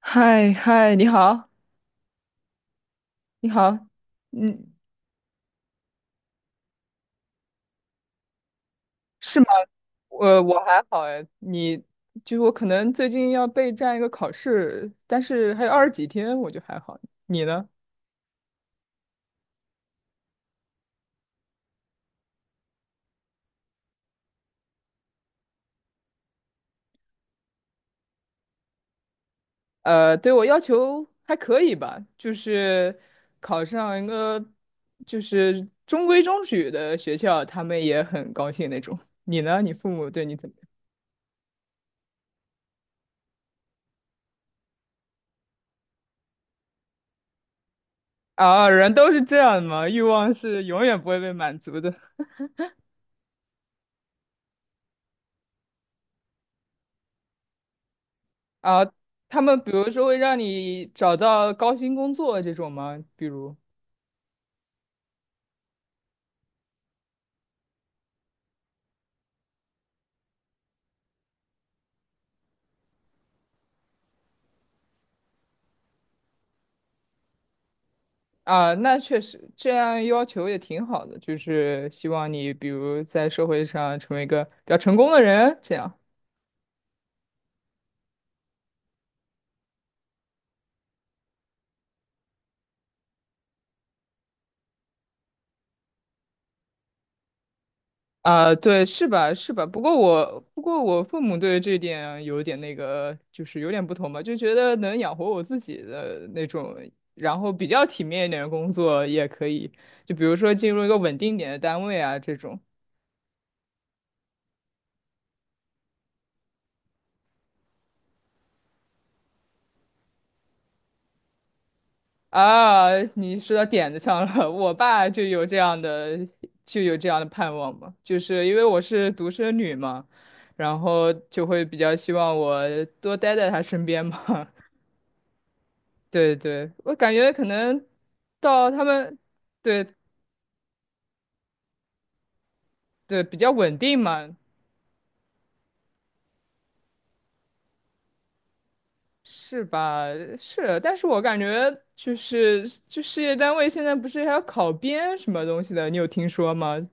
嗨嗨，你好，你好，嗯，是吗？我还好哎，你就我可能最近要备战一个考试，但是还有20几天，我就还好。你呢？对我要求还可以吧，就是考上一个就是中规中矩的学校，他们也很高兴那种。你呢？你父母对你怎么样？啊，人都是这样的嘛，欲望是永远不会被满足的。啊，他们比如说会让你找到高薪工作这种吗？比如啊，那确实这样要求也挺好的，就是希望你比如在社会上成为一个比较成功的人，这样啊，对，是吧？是吧？不过我父母对这点有点那个，就是有点不同吧，就觉得能养活我自己的那种，然后比较体面一点的工作也可以，就比如说进入一个稳定点的单位啊这种。啊，你说到点子上了。我爸就有这样的，就有这样的盼望嘛，就是因为我是独生女嘛，然后就会比较希望我多待在他身边嘛。对对，我感觉可能到他们，对对，比较稳定嘛，是吧？是，但是我感觉就是就事业单位现在不是还要考编什么东西的，你有听说吗？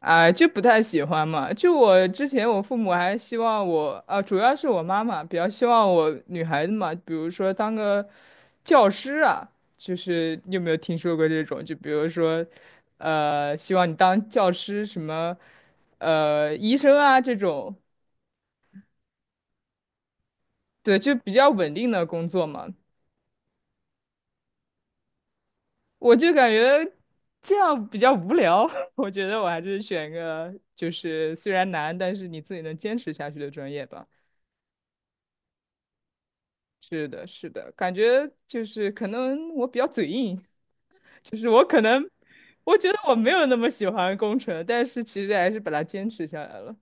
哎，就不太喜欢嘛。就我之前，我父母还希望我，啊，主要是我妈妈比较希望我女孩子嘛，比如说当个教师啊，就是你有没有听说过这种？就比如说，希望你当教师，什么，医生啊这种，对，就比较稳定的工作嘛。我就感觉这样比较无聊，我觉得我还是选个就是虽然难，但是你自己能坚持下去的专业吧。是的，是的，感觉就是可能我比较嘴硬，就是我可能我觉得我没有那么喜欢工程，但是其实还是把它坚持下来了。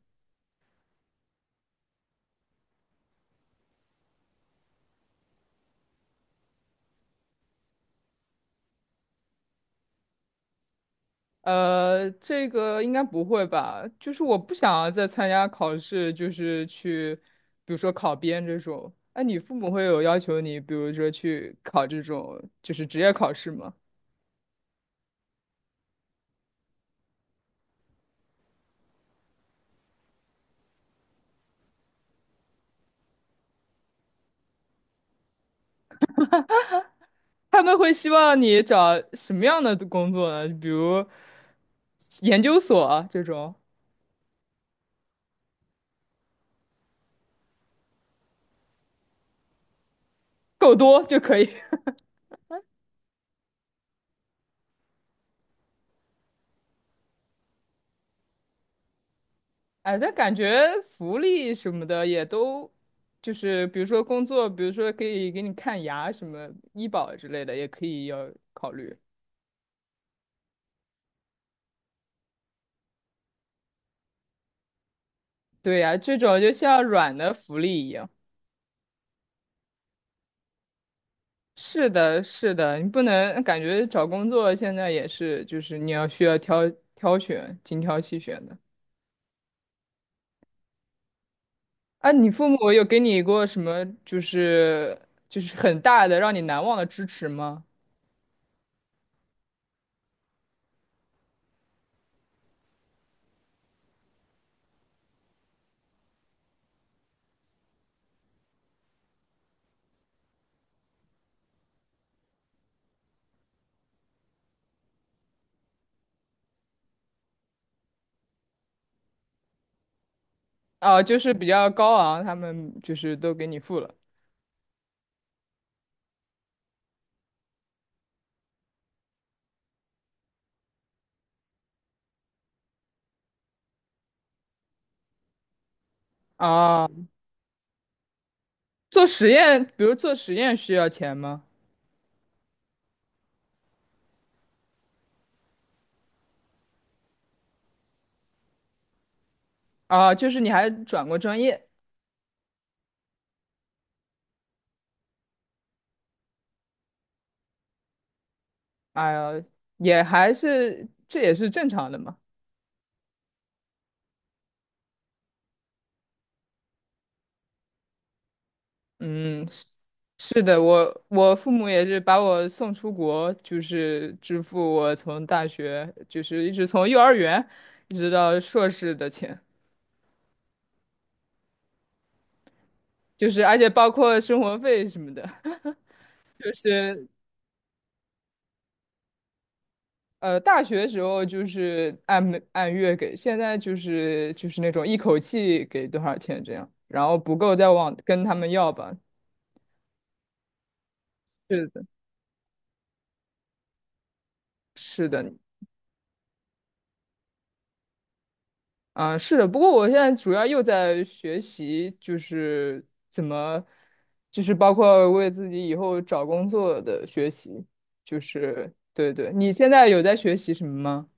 这个应该不会吧？就是我不想要再参加考试，就是去，比如说考编这种。哎，你父母会有要求你，比如说去考这种就是职业考试吗？他们会希望你找什么样的工作呢？比如研究所啊这种，够多就可以。哎，但感觉福利什么的也都，就是比如说工作，比如说可以给你看牙什么医保之类的，也可以要考虑。对呀，这种就像软的福利一样。是的，是的，你不能感觉找工作现在也是，就是你要需要挑选，精挑细选的。啊，你父母有给你过什么，就是就是很大的让你难忘的支持吗？啊，就是比较高昂，他们就是都给你付了。啊。做实验，比如做实验需要钱吗？啊，就是你还转过专业，哎呀，也还是这也是正常的嘛。嗯，是是的，我父母也是把我送出国，就是支付我从大学，就是一直从幼儿园一直到硕士的钱，就是而且包括生活费什么的，就是大学时候就是按月给，现在就是就是那种一口气给多少钱这样，然后不够再往跟他们要吧。是的，是的，嗯、是的。不过我现在主要又在学习，就是怎么，就是包括为自己以后找工作的学习，就是对对。你现在有在学习什么吗？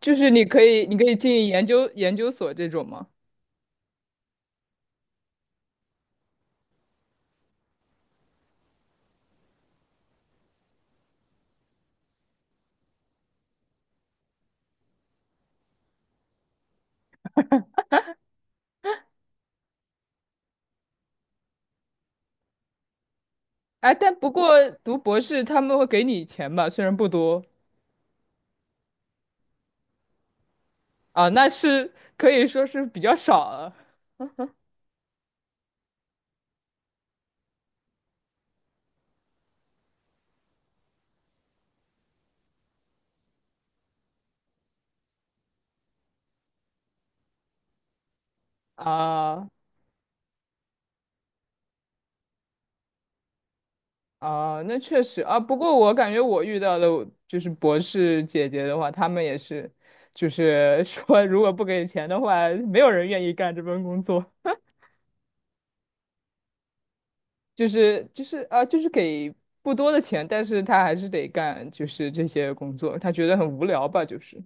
就是你可以进研究所这种吗？哎，但不过读博士他们会给你钱吧，虽然不多。啊，那是可以说是比较少了啊啊，那确实啊。不过我感觉我遇到的就是博士姐姐的话，她们也是，就是 说如果不给钱的话，没有人愿意干这份工作。就是就是啊，就是给不多的钱，但是她还是得干，就是这些工作，她觉得很无聊吧，就是。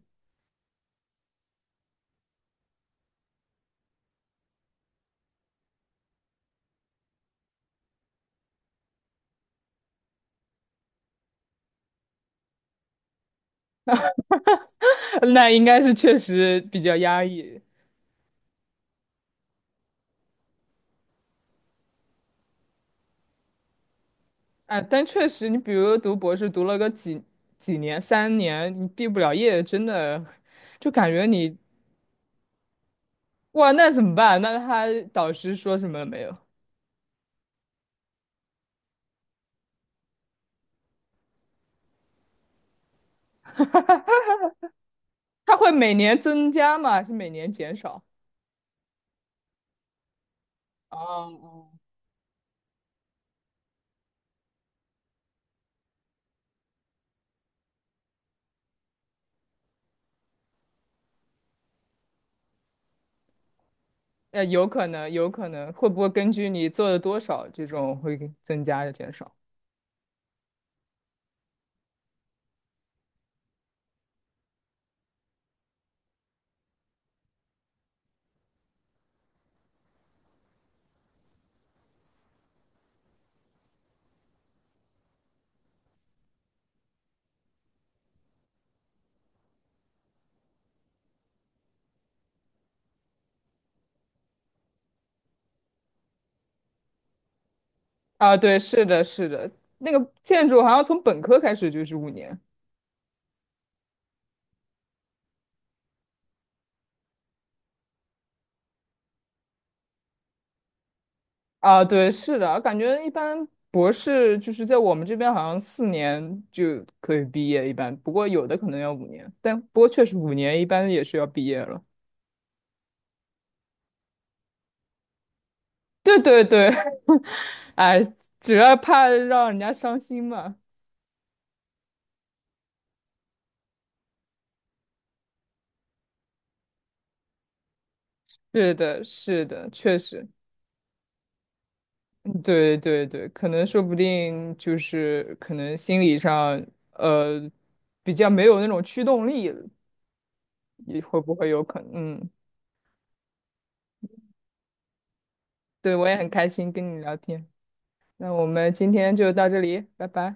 那应该是确实比较压抑。哎，但确实，你比如读博士，读了个几年，3年，你毕不了业，真的就感觉你哇，那怎么办？那他导师说什么了没有？他会每年增加吗？还是每年减少？哦哦，有可能，有可能，会不会根据你做的多少，这种会给增加的减少？啊，对，是的，是的，那个建筑好像从本科开始就是五年。啊，对，是的，感觉一般博士就是在我们这边好像4年就可以毕业，一般，不过有的可能要五年，但不过确实五年一般也是要毕业了。对对对，哎，主要怕让人家伤心嘛。是的，是的，确实，嗯对对对，可能说不定就是可能心理上呃比较没有那种驱动力了，也会不会有可能？嗯，对，我也很开心跟你聊天。那我们今天就到这里，拜拜。